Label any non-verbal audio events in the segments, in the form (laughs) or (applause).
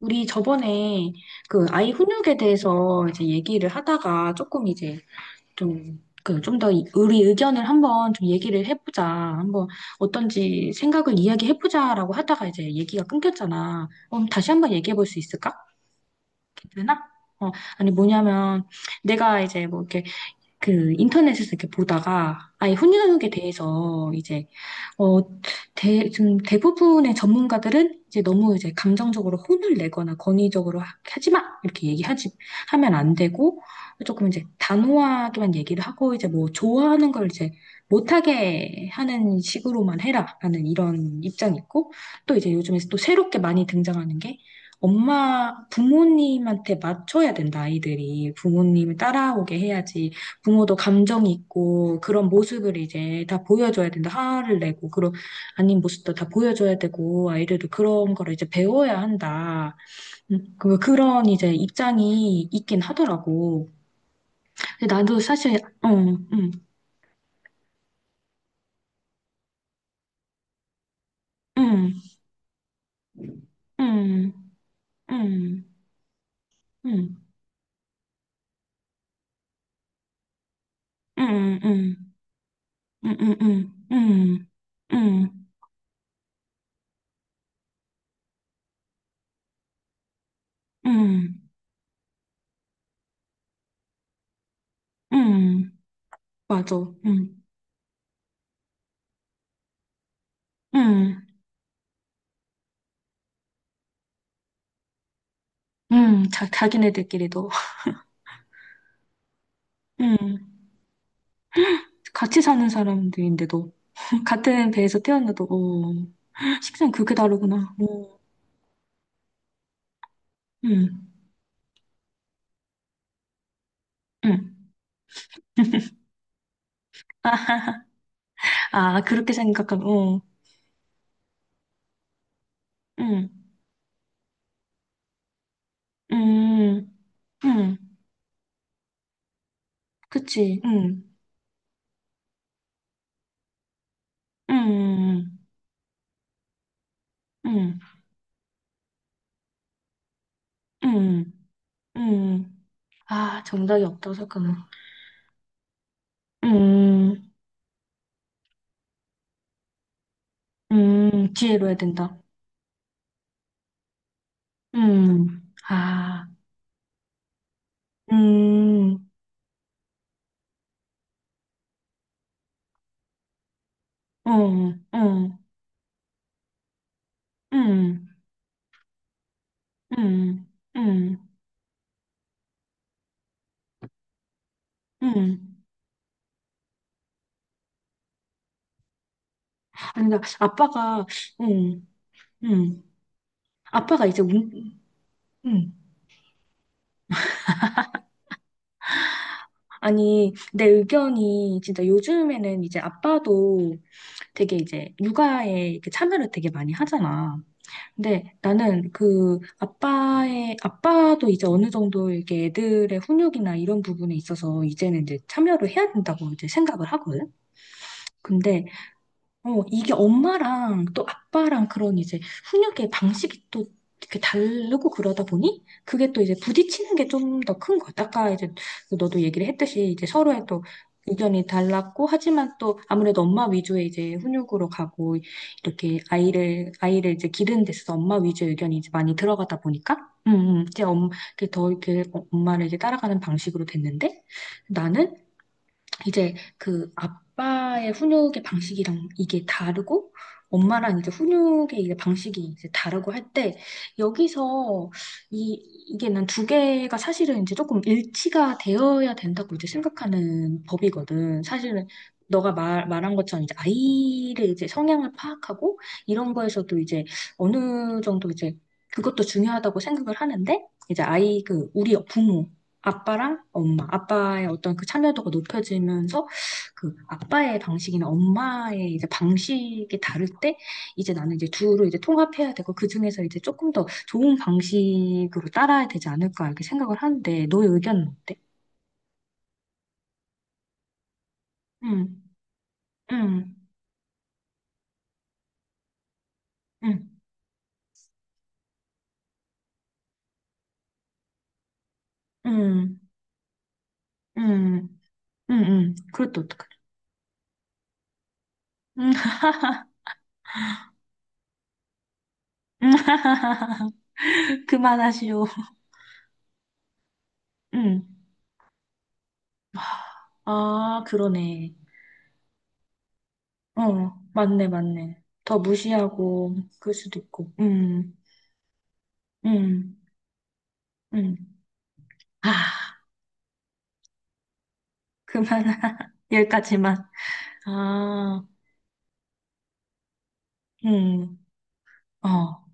우리 저번에 그 아이 훈육에 대해서 이제 얘기를 하다가 조금 이제 좀 더 우리 의견을 한번 좀 얘기를 해보자. 한번 어떤지 생각을 이야기해보자라고 하다가 이제 얘기가 끊겼잖아. 그럼 다시 한번 얘기해볼 수 있을까? 괜찮아? 어, 아니 뭐냐면 내가 이제 뭐 이렇게 그 인터넷에서 이렇게 보다가 아예 혼인후육에 대해서 이제 어, 좀 대부분의 전문가들은 이제 너무 이제 감정적으로 혼을 내거나 권위적으로 하지 마 이렇게 얘기하지 하면 안 되고 조금 이제 단호하게만 얘기를 하고 이제 뭐 좋아하는 걸 이제 못하게 하는 식으로만 해라라는 이런 입장이 있고 또 이제 요즘에 또 새롭게 많이 등장하는 게 엄마 부모님한테 맞춰야 된다 아이들이 부모님을 따라오게 해야지 부모도 감정이 있고 그런 모습을 이제 다 보여줘야 된다. 화를 내고 그런 아닌 모습도 다 보여줘야 되고 아이들도 그런 거를 이제 배워야 한다. 그런 이제 입장이 있긴 하더라고. 근데 나도 사실 어, 음, 음, 음, 음, 음, 음, 음, 음, 음, 음, 음, 음, 음, 음, 맞아. 음, 음, 자기네들끼리도 음, 같이 사는 사람들인데도 같은 배에서 태어나도, 어, 식성 그렇게 다르구나. 어, 응, 응. (laughs) 아, 그렇게 생각하면 어, 응, 응, 응, 그치, 응, 응, 응, 응, 응. 아, 정답이 없다고 생각하면, 응, 응, 기회로 해야 된다. 응, 아, 응, 어, 어, 응, 응, 응, 응. 아니, 나 아빠가, 응, 응. 아빠가 이제 운, 음. 아니, 내 의견이 진짜 요즘에는 이제 아빠도 되게 이제 육아에 이렇게 참여를 되게 많이 하잖아. 근데 나는 그 아빠의, 아빠도 이제 어느 정도 이렇게 애들의 훈육이나 이런 부분에 있어서 이제는 이제 참여를 해야 된다고 이제 생각을 하거든. 근데 어, 이게 엄마랑 또 아빠랑 그런 이제 훈육의 방식이 또 이렇게 다르고 그러다 보니 그게 또 이제 부딪히는 게 좀 더 큰 것 같아. 아까 이제 너도 얘기를 했듯이 이제 서로의 또 의견이 달랐고 하지만 또 아무래도 엄마 위주의 이제 훈육으로 가고 이렇게 아이를 이제 기르는 데 있어서 엄마 위주의 의견이 이제 많이 들어가다 보니까 이제 엄, 이렇게 더 이렇게 엄마를 이제 따라가는 방식으로 됐는데 나는 이제 그 아빠의 훈육의 방식이랑 이게 다르고 엄마랑 이제 훈육의 이제 방식이 이제 다르고 할 때 여기서 이 이게 난 2개가 사실은 이제 조금 일치가 되어야 된다고 이제 생각하는 법이거든. 사실은 너가 말한 것처럼 이제 아이를 이제 성향을 파악하고 이런 거에서도 이제 어느 정도 이제 그것도 중요하다고 생각을 하는데 이제 아이 그 우리 부모 아빠랑 엄마, 아빠의 어떤 그 참여도가 높여지면서 그 아빠의 방식이나 엄마의 이제 방식이 다를 때 이제 나는 이제 둘을 이제 통합해야 되고 그 중에서 이제 조금 더 좋은 방식으로 따라야 되지 않을까 이렇게 생각을 하는데 너의 의견은 어때? 응, 응, 응, 응, 응, 응, 응. 그럴 때 어떡해? 응, (laughs) 응. 그만하시오. 응. 아, 그러네. 어, 맞네, 맞네. 더 무시하고, 그럴 수도 있고. 음, 음. 아, 그만. (laughs) 여기까지만. 아, 음, 어,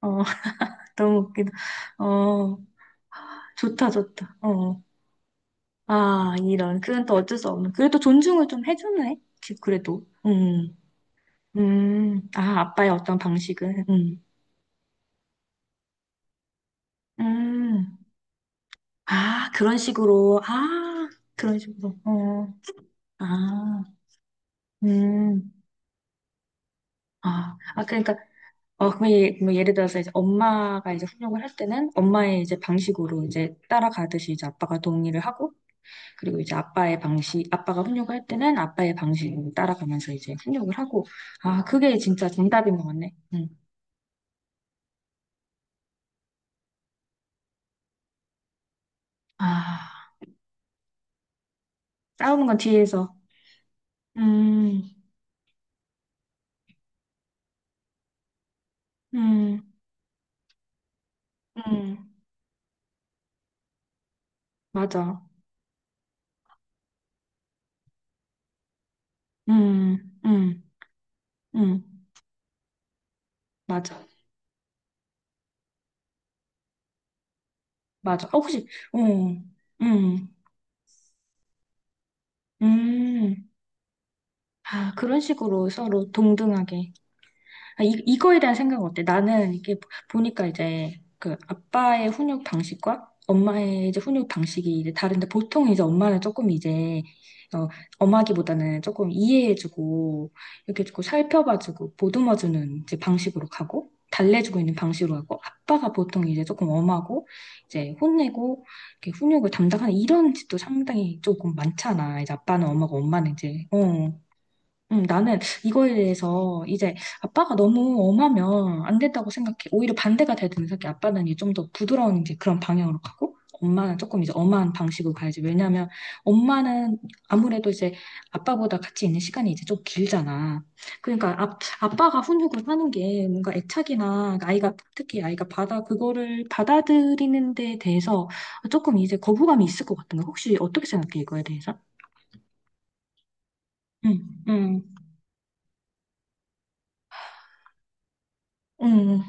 어, (laughs) 너무 웃기다. 어, 좋다, 좋다. 어, 아, 이런. 그건 또 어쩔 수 없는. 그래도 존중을 좀 해주네. 지- 그래도. 아, 아빠의 어떤 방식은. 음, 아, 그런 식으로. 아, 그런 식으로. 어, 아, 음. 아, 아 그러니까 어, 그럼 예, 뭐 예를 들어서 이제 엄마가 이제 훈육을 할 때는 엄마의 이제 방식으로 이제 따라가듯이 이제 아빠가 동의를 하고 그리고 이제 아빠의 방식, 아빠가 훈육을 할 때는 아빠의 방식으로 따라가면서 이제 훈육을 하고 아, 그게 진짜 정답인 것 같네. 음. 아, 싸우는 건 뒤에서. 음, 음, 음, 맞아. 음, 음, 음, 맞아. 맞아. 어, 혹시, 음, 음, 음. 아, 그런 식으로 서로 동등하게. 아, 이, 이거에 대한 생각은 어때? 나는 이게 보니까 이제 그 아빠의 훈육 방식과 엄마의 이제 훈육 방식이 이제 다른데 보통 이제 엄마는 조금 이제 어, 엄하기보다는 조금 이해해주고 이렇게 조금 살펴봐주고 보듬어주는 이제 방식으로 가고 달래주고 있는 방식으로 가고 아빠가 보통 이제 조금 엄하고 이제 혼내고 이렇게 훈육을 담당하는 이런 집도 상당히 조금 많잖아. 이제 아빠는 엄하고 엄마는 이제 어. 나는 이거에 대해서 이제 아빠가 너무 엄하면 안 된다고 생각해. 오히려 반대가 돼야 되는 생각해. 아빠는 이제 좀 더 부드러운 이제 그런 방향으로 가고, 엄마는 조금 이제 엄한 방식으로 가야지. 왜냐하면 엄마는 아무래도 이제 아빠보다 같이 있는 시간이 이제 좀 길잖아. 그러니까 아, 아빠가 훈육을 하는 게 뭔가 애착이나 아이가 특히 아이가 받아 그거를 받아들이는 데 대해서 조금 이제 거부감이 있을 것 같은 거. 혹시 어떻게 생각해? 이거에 대해서? 응, 응, 응.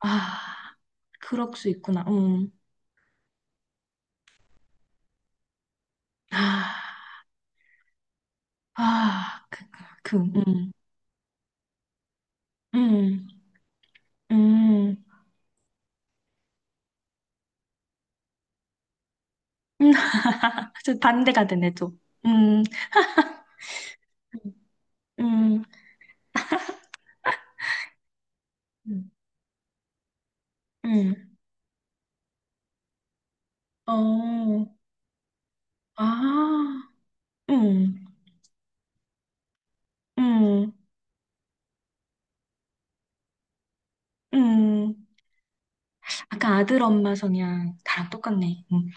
아. 그럴 수 있구나. 음. 아, 아, 그, 그, 음, 음, 음. (laughs) 저 반대가 되네, 또. 음, (laughs) 음, 음, 음. 어, 아, 음, 음, 음. 아까 아들 엄마 성향 나랑 똑같네. 음.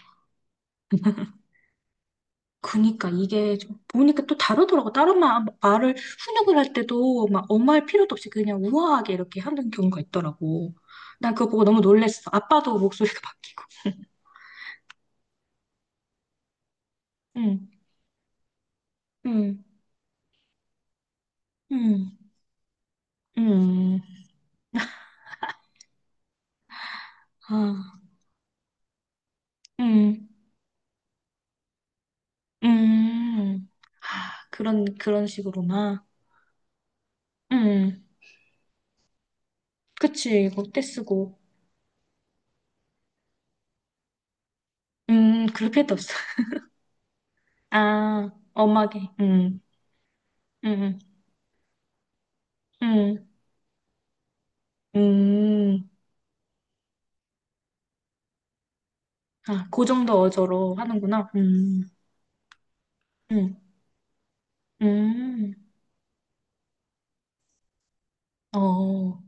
그니까 이게 좀 보니까 또 다르더라고. 다른 말을 훈육을 할 때도 막 엄할 마 필요도 없이 그냥 우아하게 이렇게 하는 경우가 있더라고. 난 그거 보고 너무 놀랬어. 아빠도 목소리가 바뀌. 응, 응, 응, 응, 아, 응, 응. 아, 그런 그런 식으로만. 응, 그치. 이거 떼 쓰고. 그렇게 해도 없어. 아, 엄하게. 응, 응, 응, 응. 아, 그 정도 어조로 하는구나. 음. 응, 음, 어,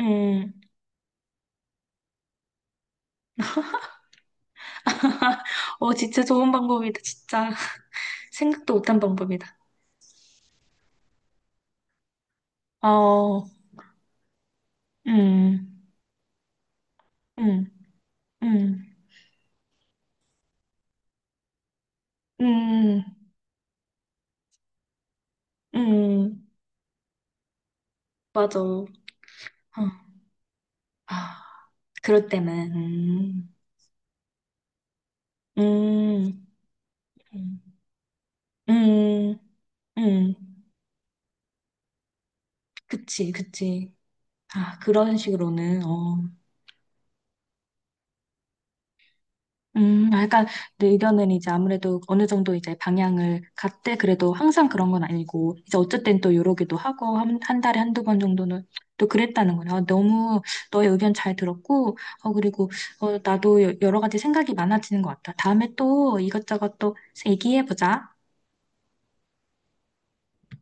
음, 어, 진짜 좋은 방법이다. 진짜 (laughs) 생각도 못한 방법이다. 어, 음, 음, 음, 음, 음, 맞아. 어, 아, 그럴 때는, 음, 음, 음, 음. 그치, 그치. 아, 그런 식으로는, 어. 아, 약간 내 의견은 이제 아무래도 어느 정도 이제 방향을 갔대 그래도 항상 그런 건 아니고 이제 어쨌든 또 요러기도 하고 한, 한 달에 한 두 번 정도는 또 그랬다는 거네. 요 너무 너의 의견 잘 들었고 어 그리고 어 나도 여러 가지 생각이 많아지는 것 같아. 다음에 또 이것저것 또 얘기해 보자.